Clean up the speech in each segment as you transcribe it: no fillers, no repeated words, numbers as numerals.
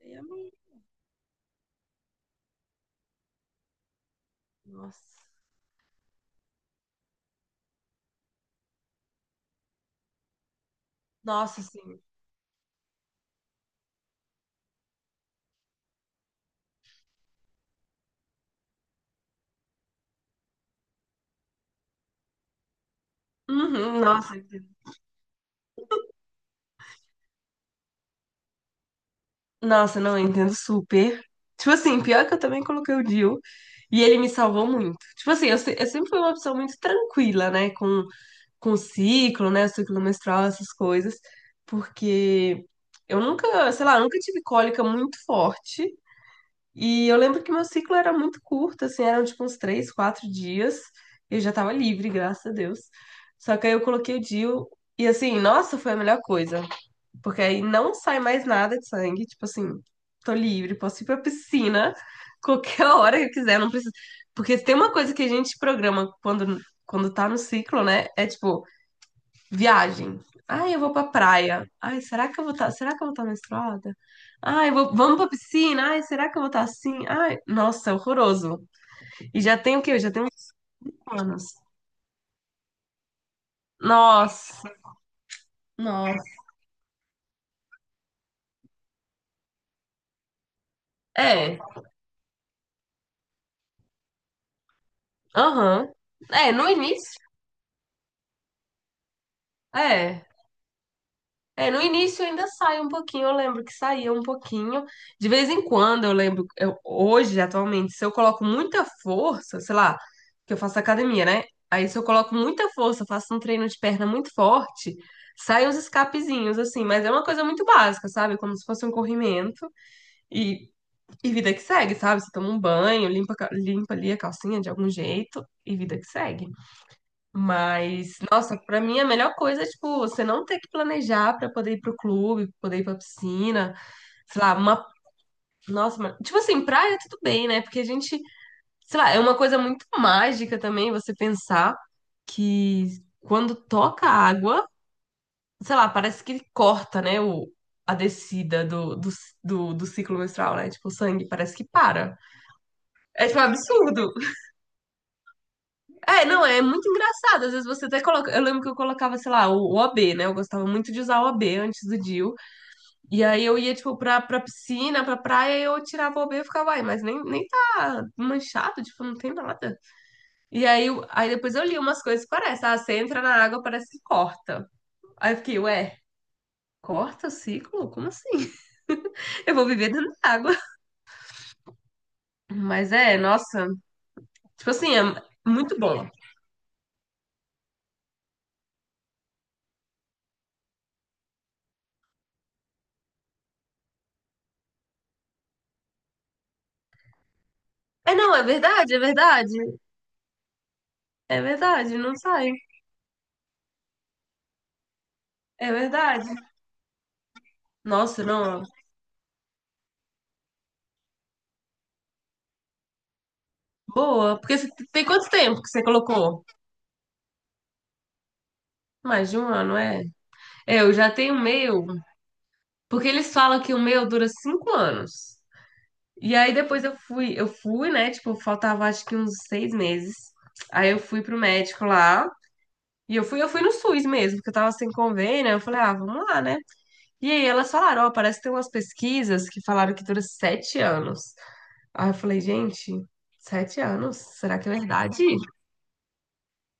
Eu não- Nossa. Nossa, sim. Uhum, nossa, entendo. Nossa, não, eu entendo super. Tipo assim, pior que eu também coloquei o Dio e ele me salvou muito. Tipo assim, eu, se- eu sempre fui uma pessoa muito tranquila, né, com o ciclo, né, ciclo menstrual, essas coisas, porque eu nunca, sei lá, nunca tive cólica muito forte. E eu lembro que meu ciclo era muito curto, assim, eram tipo uns 3, 4 dias. Eu já tava livre, graças a Deus. Só que aí eu coloquei o DIU e assim, nossa, foi a melhor coisa. Porque aí não sai mais nada de sangue, tipo assim, tô livre, posso ir pra piscina qualquer hora que eu quiser, não precisa. Porque se tem uma coisa que a gente programa quando tá no ciclo, né? É tipo, viagem. Ai, eu vou pra praia. Ai, será que eu vou estar, será que eu vou estar menstruada? Ai, vamos pra piscina. Ai, será que eu vou estar assim? Ai, nossa, é horroroso. E já tem o quê? Eu já tenho uns 5 anos. Nossa, nossa. É, aham. É, no início, é. É, no início ainda sai um pouquinho, eu lembro que saía um pouquinho. De vez em quando, eu lembro, hoje, atualmente, se eu coloco muita força, sei lá, que eu faço academia, né? Aí se eu coloco muita força, faço um treino de perna muito forte, saem uns escapezinhos, assim, mas é uma coisa muito básica, sabe? Como se fosse um corrimento e, e vida que segue, sabe? Você toma um banho, limpa, limpa ali a calcinha de algum jeito e vida que segue. Mas, nossa, pra mim a melhor coisa é, tipo, você não ter que planejar pra poder ir pro clube, poder ir pra piscina, sei lá, uma. Nossa, tipo assim, praia tudo bem, né? Porque a gente, sei lá, é uma coisa muito mágica também você pensar que quando toca a água, sei lá, parece que corta, né, a descida do ciclo menstrual, né? Tipo, o sangue parece que para. É, tipo, um absurdo. É, não, é muito engraçado. Às vezes você até coloca. Eu lembro que eu colocava, sei lá, o OB, né? Eu gostava muito de usar o OB antes do DIU. E aí eu ia, tipo, pra piscina, pra praia, e eu tirava o OB e ficava, ai, mas nem tá manchado, tipo, não tem nada. E aí, aí depois eu li umas coisas que parece, ah, você entra na água, parece que corta. Aí eu fiquei, ué. Corta o ciclo? Como assim? Eu vou viver dentro da água. Mas é, nossa, tipo assim, é muito bom. É, não, é verdade, é verdade. É verdade, não sai. É verdade. Nossa, não. Boa. Porque você tem quanto tempo que você colocou? Mais de um ano, é. É, eu já tenho o meu, porque eles falam que o meu dura 5 anos. E aí depois eu fui, né? Tipo, faltava acho que uns 6 meses. Aí eu fui pro médico lá. E eu fui no SUS mesmo, porque eu tava sem convênio. Aí eu falei, ah, vamos lá, né? E aí elas falaram, ó, parece que tem umas pesquisas que falaram que dura 7 anos. Aí eu falei, gente, 7 anos? Será que é verdade?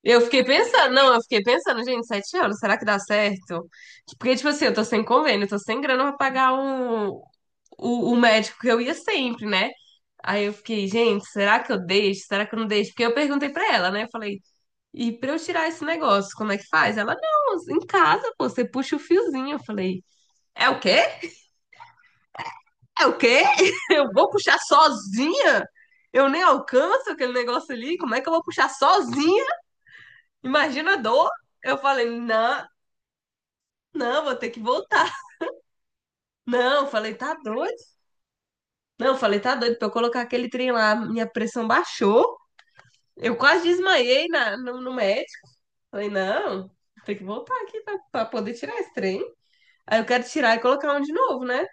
Eu fiquei pensando, não, eu fiquei pensando, gente, 7 anos, será que dá certo? Porque, tipo assim, eu tô sem convênio, eu tô sem grana pra pagar o médico que eu ia sempre, né? Aí eu fiquei, gente, será que eu deixo? Será que eu não deixo? Porque eu perguntei pra ela, né? Eu falei, e pra eu tirar esse negócio, como é que faz? Ela, não, em casa, pô, você puxa o fiozinho. Eu falei, é o quê? É o quê? Eu vou puxar sozinha? Eu nem alcanço aquele negócio ali, como é que eu vou puxar sozinha? Imagina a dor. Eu falei, não. Não, vou ter que voltar. Não, falei, tá doido? Não, falei, tá doido. Pra eu colocar aquele trem lá, minha pressão baixou. Eu quase desmaiei na, no, no médico. Falei, não, tem que voltar aqui pra poder tirar esse trem. Aí eu quero tirar e colocar um de novo, né?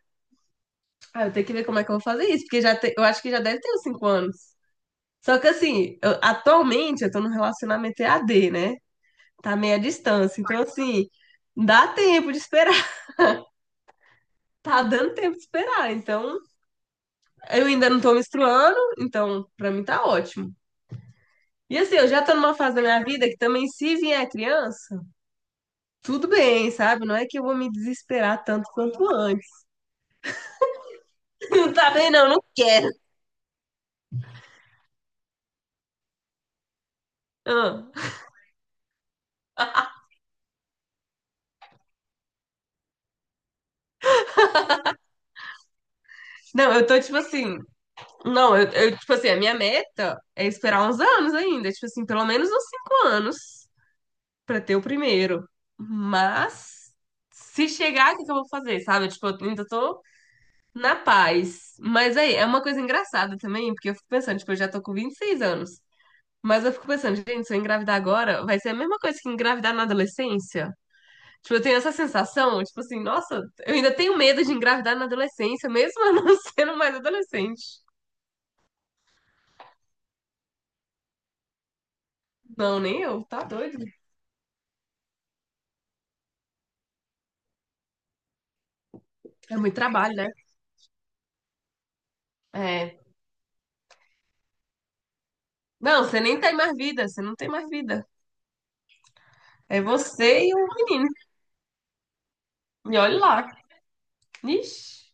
Aí eu tenho que ver como é que eu vou fazer isso, porque eu acho que já deve ter uns 5 anos. Só que assim, atualmente eu tô num relacionamento EAD, né? Tá meio à distância. Então, assim, dá tempo de esperar. Tá dando tempo de esperar. Então, eu ainda não tô menstruando, então pra mim tá ótimo. E assim, eu já tô numa fase da minha vida que também, se vier criança, tudo bem, sabe? Não é que eu vou me desesperar tanto quanto antes. Não tá bem, não, não quero. Ah. Não, eu tô tipo assim. Não, eu, tipo assim, a minha meta é esperar uns anos ainda, tipo assim, pelo menos uns 5 anos pra ter o primeiro. Mas, se chegar, o que que eu vou fazer, sabe? Tipo, eu ainda tô na paz. Mas aí, é uma coisa engraçada também, porque eu fico pensando, tipo, eu já tô com 26 anos. Mas eu fico pensando, gente, se eu engravidar agora, vai ser a mesma coisa que engravidar na adolescência. Tipo, eu tenho essa sensação, tipo assim, nossa, eu ainda tenho medo de engravidar na adolescência, mesmo eu não sendo mais adolescente. Não, nem eu, tá doido. É muito trabalho, né? É. Não, você nem tem mais vida, você não tem mais vida. É você e o menino. E olha lá. Ixi,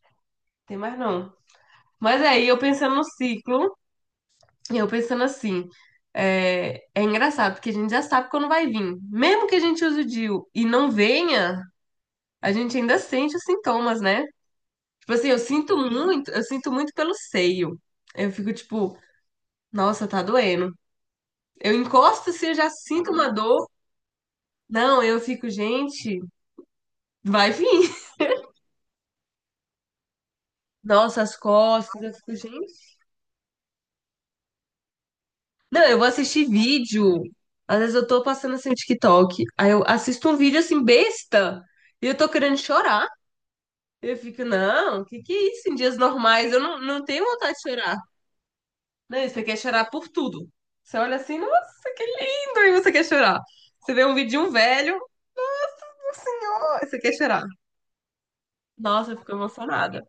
tem mais não. Mas aí, eu pensando no ciclo. E eu pensando assim, é engraçado, porque a gente já sabe quando vai vir. Mesmo que a gente use o DIU e não venha, a gente ainda sente os sintomas, né? Tipo assim, eu sinto muito pelo seio. Eu fico tipo, nossa, tá doendo. Eu encosto se eu já sinto uma dor. Não, eu fico, gente, vai vir. Nossa, as costas, eu fico, gente. Não, eu vou assistir vídeo. Às vezes eu tô passando assim no TikTok, aí eu assisto um vídeo assim besta e eu tô querendo chorar. Eu fico, não, o que que é isso? Em dias normais eu não tenho vontade de chorar. Não, e você quer chorar por tudo. Você olha assim, nossa, que lindo, e você quer chorar. Você vê um vídeo de um velho, meu senhor, e você quer chorar. Nossa, eu fico emocionada.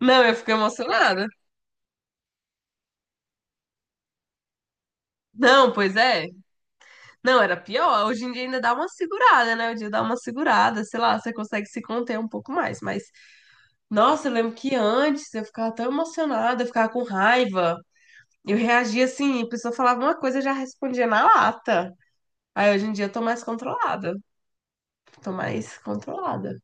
Não, eu fico emocionada. Não, pois é. Não, era pior. Hoje em dia ainda dá uma segurada, né? O dia dá uma segurada, sei lá, você consegue se conter um pouco mais. Mas, nossa, eu lembro que antes eu ficava tão emocionada, eu ficava com raiva. Eu reagia assim, a pessoa falava uma coisa, eu já respondia na lata. Aí hoje em dia eu tô mais controlada. Tô mais controlada.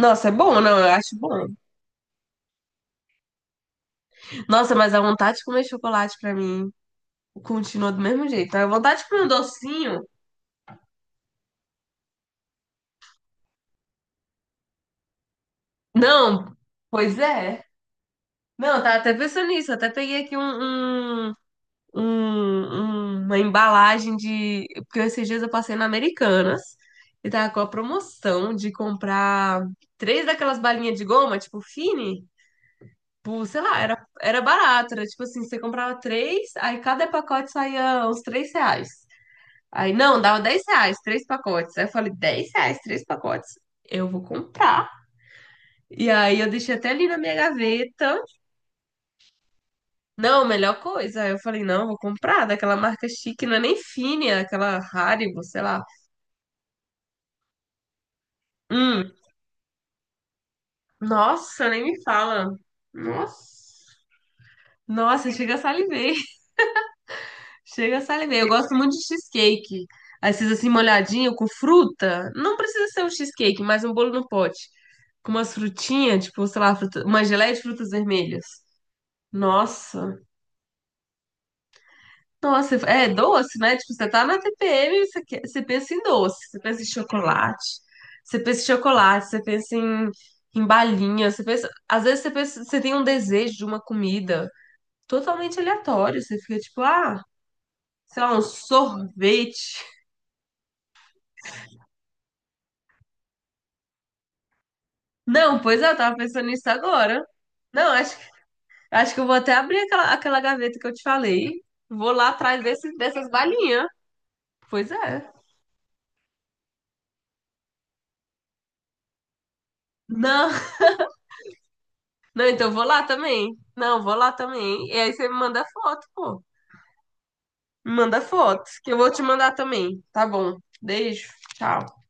Nossa, é bom, não? Eu acho bom. Nossa, mas a vontade de comer chocolate pra mim continua do mesmo jeito. A vontade de comer um docinho. Não, pois é. Não, eu tava até pensando nisso. Eu até peguei aqui um- uma embalagem de. Porque esses dias eu passei na Americanas e tava com a promoção de comprar três daquelas balinhas de goma, tipo Fini. Tipo, sei lá, era barato. Era tipo assim, você comprava três, aí cada pacote saía uns 3 reais. Aí, não, dava 10 reais, três pacotes. Aí eu falei, 10 reais, três pacotes. Eu vou comprar. E aí eu deixei até ali na minha gaveta. Não, melhor coisa. Aí eu falei, não, vou comprar daquela marca chique, não é nem Fine, é aquela Haribo, sei lá. Hum, nossa, nem me fala. Nossa, nossa, chega a salivei. Chega a salivei. Eu gosto muito de cheesecake. Aí vocês assim, molhadinho, com fruta. Não precisa ser um cheesecake, mas um bolo no pote. Com umas frutinhas, tipo, sei lá, uma geleia de frutas vermelhas. Nossa. Nossa, é doce, né? Tipo, você tá na TPM, você pensa em doce. Você pensa em chocolate. Você pensa em chocolate, você pensa em balinha. Você pensa... Às vezes você tem um desejo de uma comida totalmente aleatório. Você fica tipo, ah, sei lá, um sorvete. Não, pois é, eu tava pensando nisso agora. Não, acho que eu vou até abrir aquela gaveta que eu te falei. Vou lá atrás dessas balinhas. Pois é. Não, não, então eu vou lá também. Não, vou lá também. E aí você me manda foto, pô. Me manda foto, que eu vou te mandar também. Tá bom. Beijo. Tchau.